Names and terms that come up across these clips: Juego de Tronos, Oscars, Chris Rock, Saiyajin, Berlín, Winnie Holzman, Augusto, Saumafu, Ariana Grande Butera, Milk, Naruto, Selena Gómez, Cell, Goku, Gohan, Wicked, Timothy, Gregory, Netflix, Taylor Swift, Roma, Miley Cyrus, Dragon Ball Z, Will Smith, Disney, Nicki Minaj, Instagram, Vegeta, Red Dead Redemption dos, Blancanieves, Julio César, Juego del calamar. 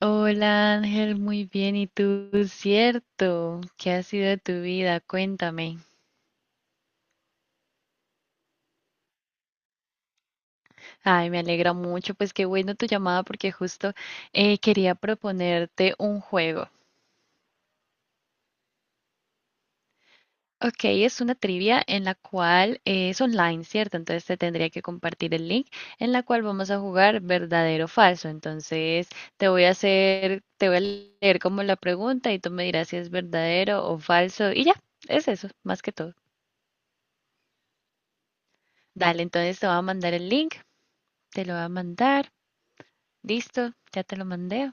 Hola Ángel, muy bien. ¿Y tú? Cierto. ¿Qué ha sido de tu vida? Cuéntame. Ay, me alegra mucho. Pues qué bueno tu llamada porque justo quería proponerte un juego. Ok, es una trivia en la cual es online, ¿cierto? Entonces te tendría que compartir el link en la cual vamos a jugar verdadero o falso. Entonces te voy a hacer, te voy a leer como la pregunta y tú me dirás si es verdadero o falso. Y ya, es eso, más que todo. Dale, entonces te voy a mandar el link. Te lo va a mandar. Listo, ya te lo mandé.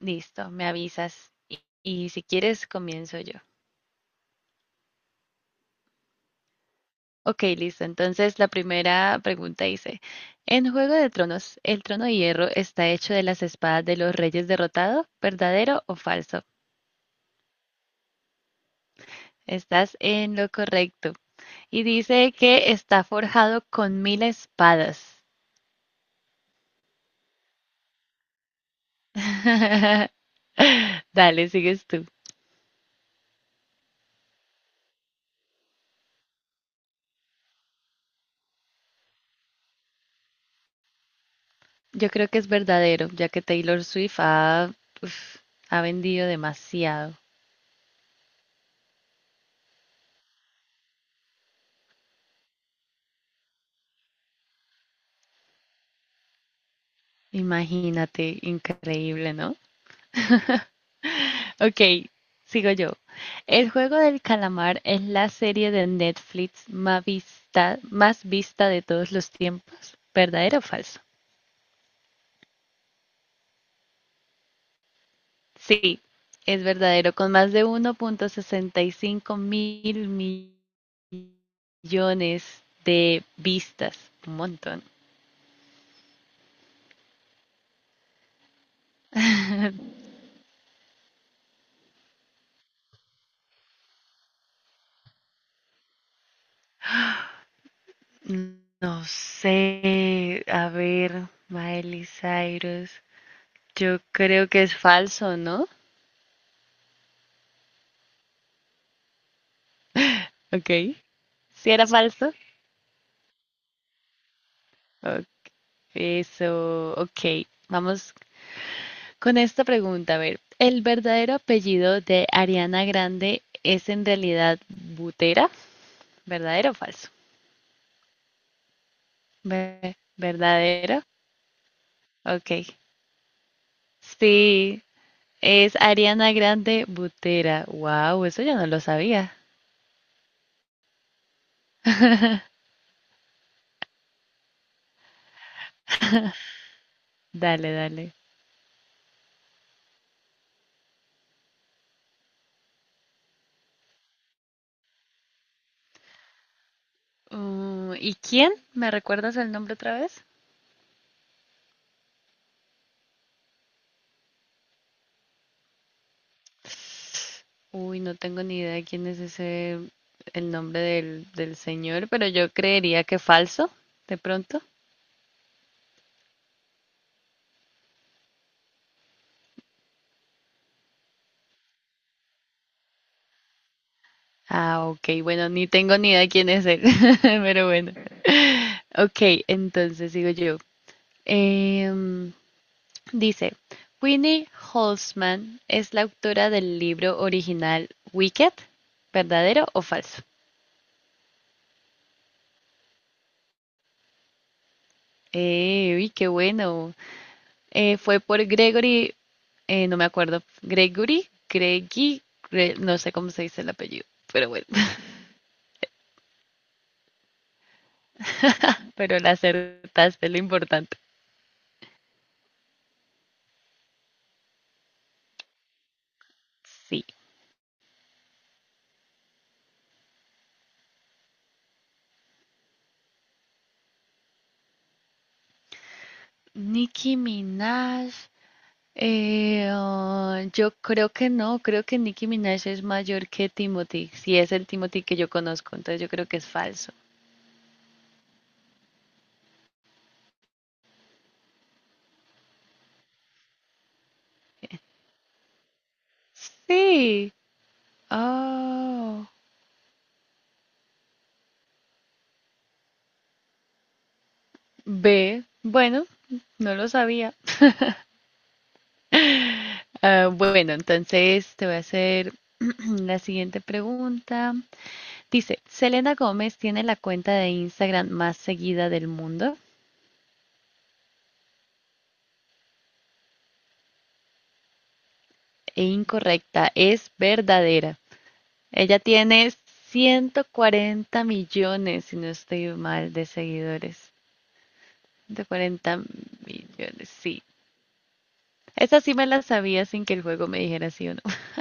Listo, me avisas. Y si quieres, comienzo yo. Ok, listo. Entonces, la primera pregunta dice, en Juego de Tronos, ¿el trono de hierro está hecho de las espadas de los reyes derrotados? ¿Verdadero o falso? Estás en lo correcto. Y dice que está forjado con 1.000 espadas. Dale, sigues tú. Yo creo que es verdadero, ya que Taylor Swift uf, ha vendido demasiado. Imagínate, increíble, ¿no? Ok, sigo yo. El juego del calamar es la serie de Netflix más vista de todos los tiempos. ¿Verdadero o falso? Sí, es verdadero, con más de 1.65 mil millones de vistas. Un montón. No sé, a ver, Miley Cyrus. Yo creo que es falso, ¿no? Ok. ¿Si era falso? O- Eso, ok. Vamos con esta pregunta. A ver, ¿el verdadero apellido de Ariana Grande es en realidad Butera? ¿Verdadero o falso? ¿Verdadero? Ok. Sí, es Ariana Grande Butera. Wow, eso yo no lo sabía. Dale, dale. ¿Y quién? ¿Me recuerdas el nombre otra vez? Uy, no tengo ni idea de quién es ese, el nombre del señor, pero yo creería que falso, de pronto. Ah, ok, bueno, ni tengo ni idea de quién es él, pero bueno. Ok, entonces sigo yo. Em, Dice, Winnie Holzman es la autora del libro original Wicked, ¿verdadero o falso? Uy, qué bueno. Fue por Gregory, no me acuerdo, Gregory, Greggy, no sé cómo se dice el apellido, pero bueno, pero la acertaste, es lo importante. Sí. Nicki Minaj, ah, yo creo que no, creo que Nicki Minaj es mayor que Timothy, si es el Timothy que yo conozco, entonces yo creo que es falso. Sí. Oh, ve, bueno, no lo sabía. Ah, bueno, entonces te voy a hacer la siguiente pregunta. Dice, Selena Gómez tiene la cuenta de Instagram más seguida del mundo. E incorrecta, es verdadera. Ella tiene 140 millones, si no estoy mal, de seguidores. 140 millones, sí. Esa sí me la sabía sin que el juego me dijera sí o no.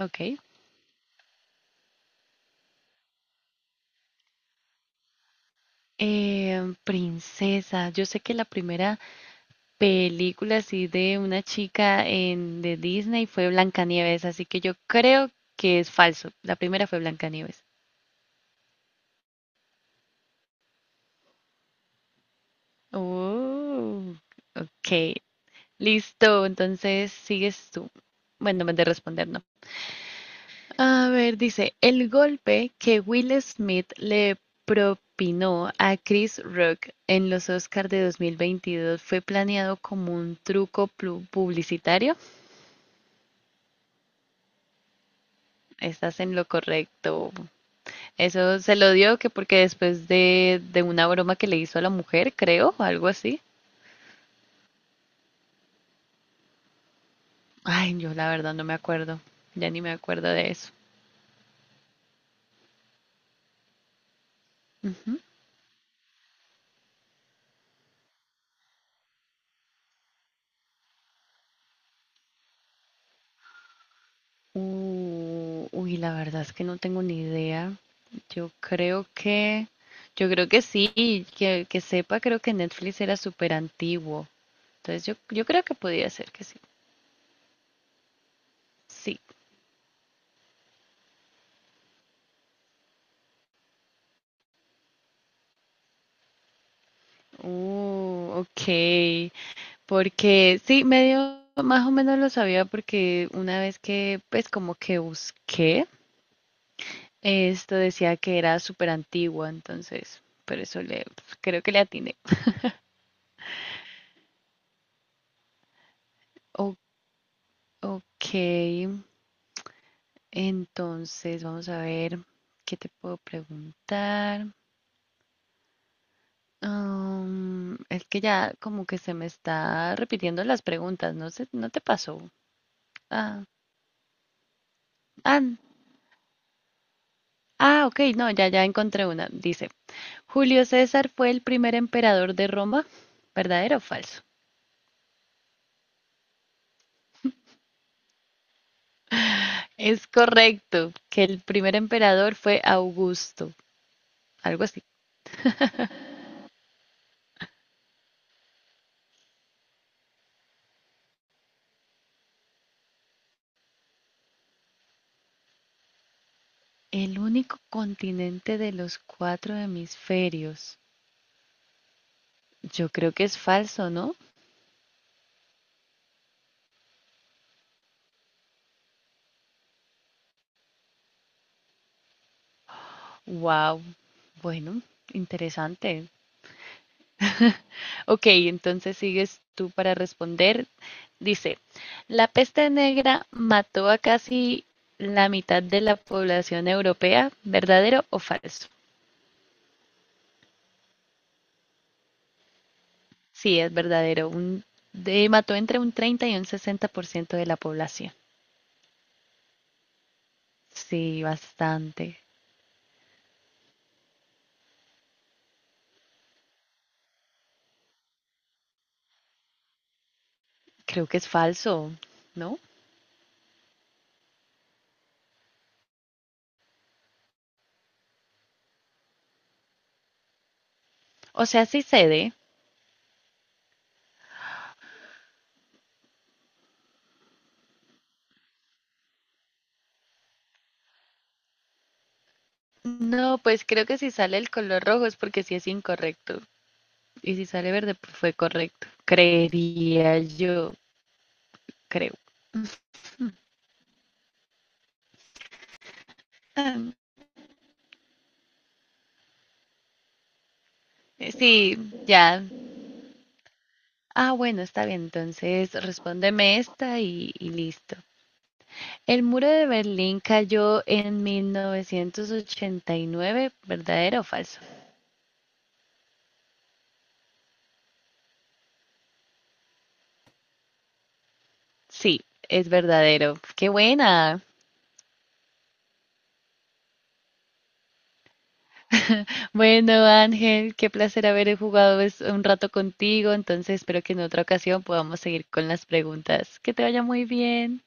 Ok. Princesa, yo sé que la primera película así de una chica en, de Disney fue Blancanieves, así que yo creo que es falso. La primera fue Blancanieves. Oh, ok. Listo, entonces sigues tú. Bueno, me de responder, no. A ver, dice, el golpe que Will Smith le propinó a Chris Rock en los Oscars de 2022 fue planeado como un truco publicitario. Estás en lo correcto. Eso se lo dio que porque después de una broma que le hizo a la mujer, creo, algo así. Ay, yo la verdad no me acuerdo. Ya ni me acuerdo de eso. Ujú. Uy, la verdad es que no tengo ni idea. Yo creo que, yo creo que sí, que sepa, creo que Netflix era súper antiguo. Entonces yo creo que podía ser que sí. Sí. Ok. Porque sí, medio más o menos lo sabía porque una vez que pues como que busqué, esto decía que era súper antigua, entonces por eso le creo que le atiné. O- ok, entonces vamos a ver qué te puedo preguntar. Es que ya como que se me está repitiendo las preguntas, no sé, no te pasó. Ah, ah, ok, no, ya, ya encontré una. Dice, Julio César fue el primer emperador de Roma, ¿verdadero o falso? Es correcto que el primer emperador fue Augusto, algo así. El único continente de los cuatro hemisferios. Yo creo que es falso, ¿no? Wow. Bueno, interesante. Ok, entonces sigues tú para responder. Dice, la peste negra mató a casi la mitad de la población europea, ¿verdadero o falso? Sí, es verdadero. Un, de- mató entre un 30% y un 60% de la población. Sí, bastante. Creo que es falso, ¿no? O sea, sí cede. No, pues creo que si sale el color rojo es porque sí es incorrecto. Y si sale verde, pues fue correcto. Creería yo, creo. Am, Sí, ya. Ah, bueno, está bien. Entonces, respóndeme esta y listo. El muro de Berlín cayó en 1989, ¿verdadero o falso? Sí, es verdadero. ¡Qué buena! Bueno, Ángel, qué placer haber jugado un rato contigo. Entonces, espero que en otra ocasión podamos seguir con las preguntas. Que te vaya muy bien.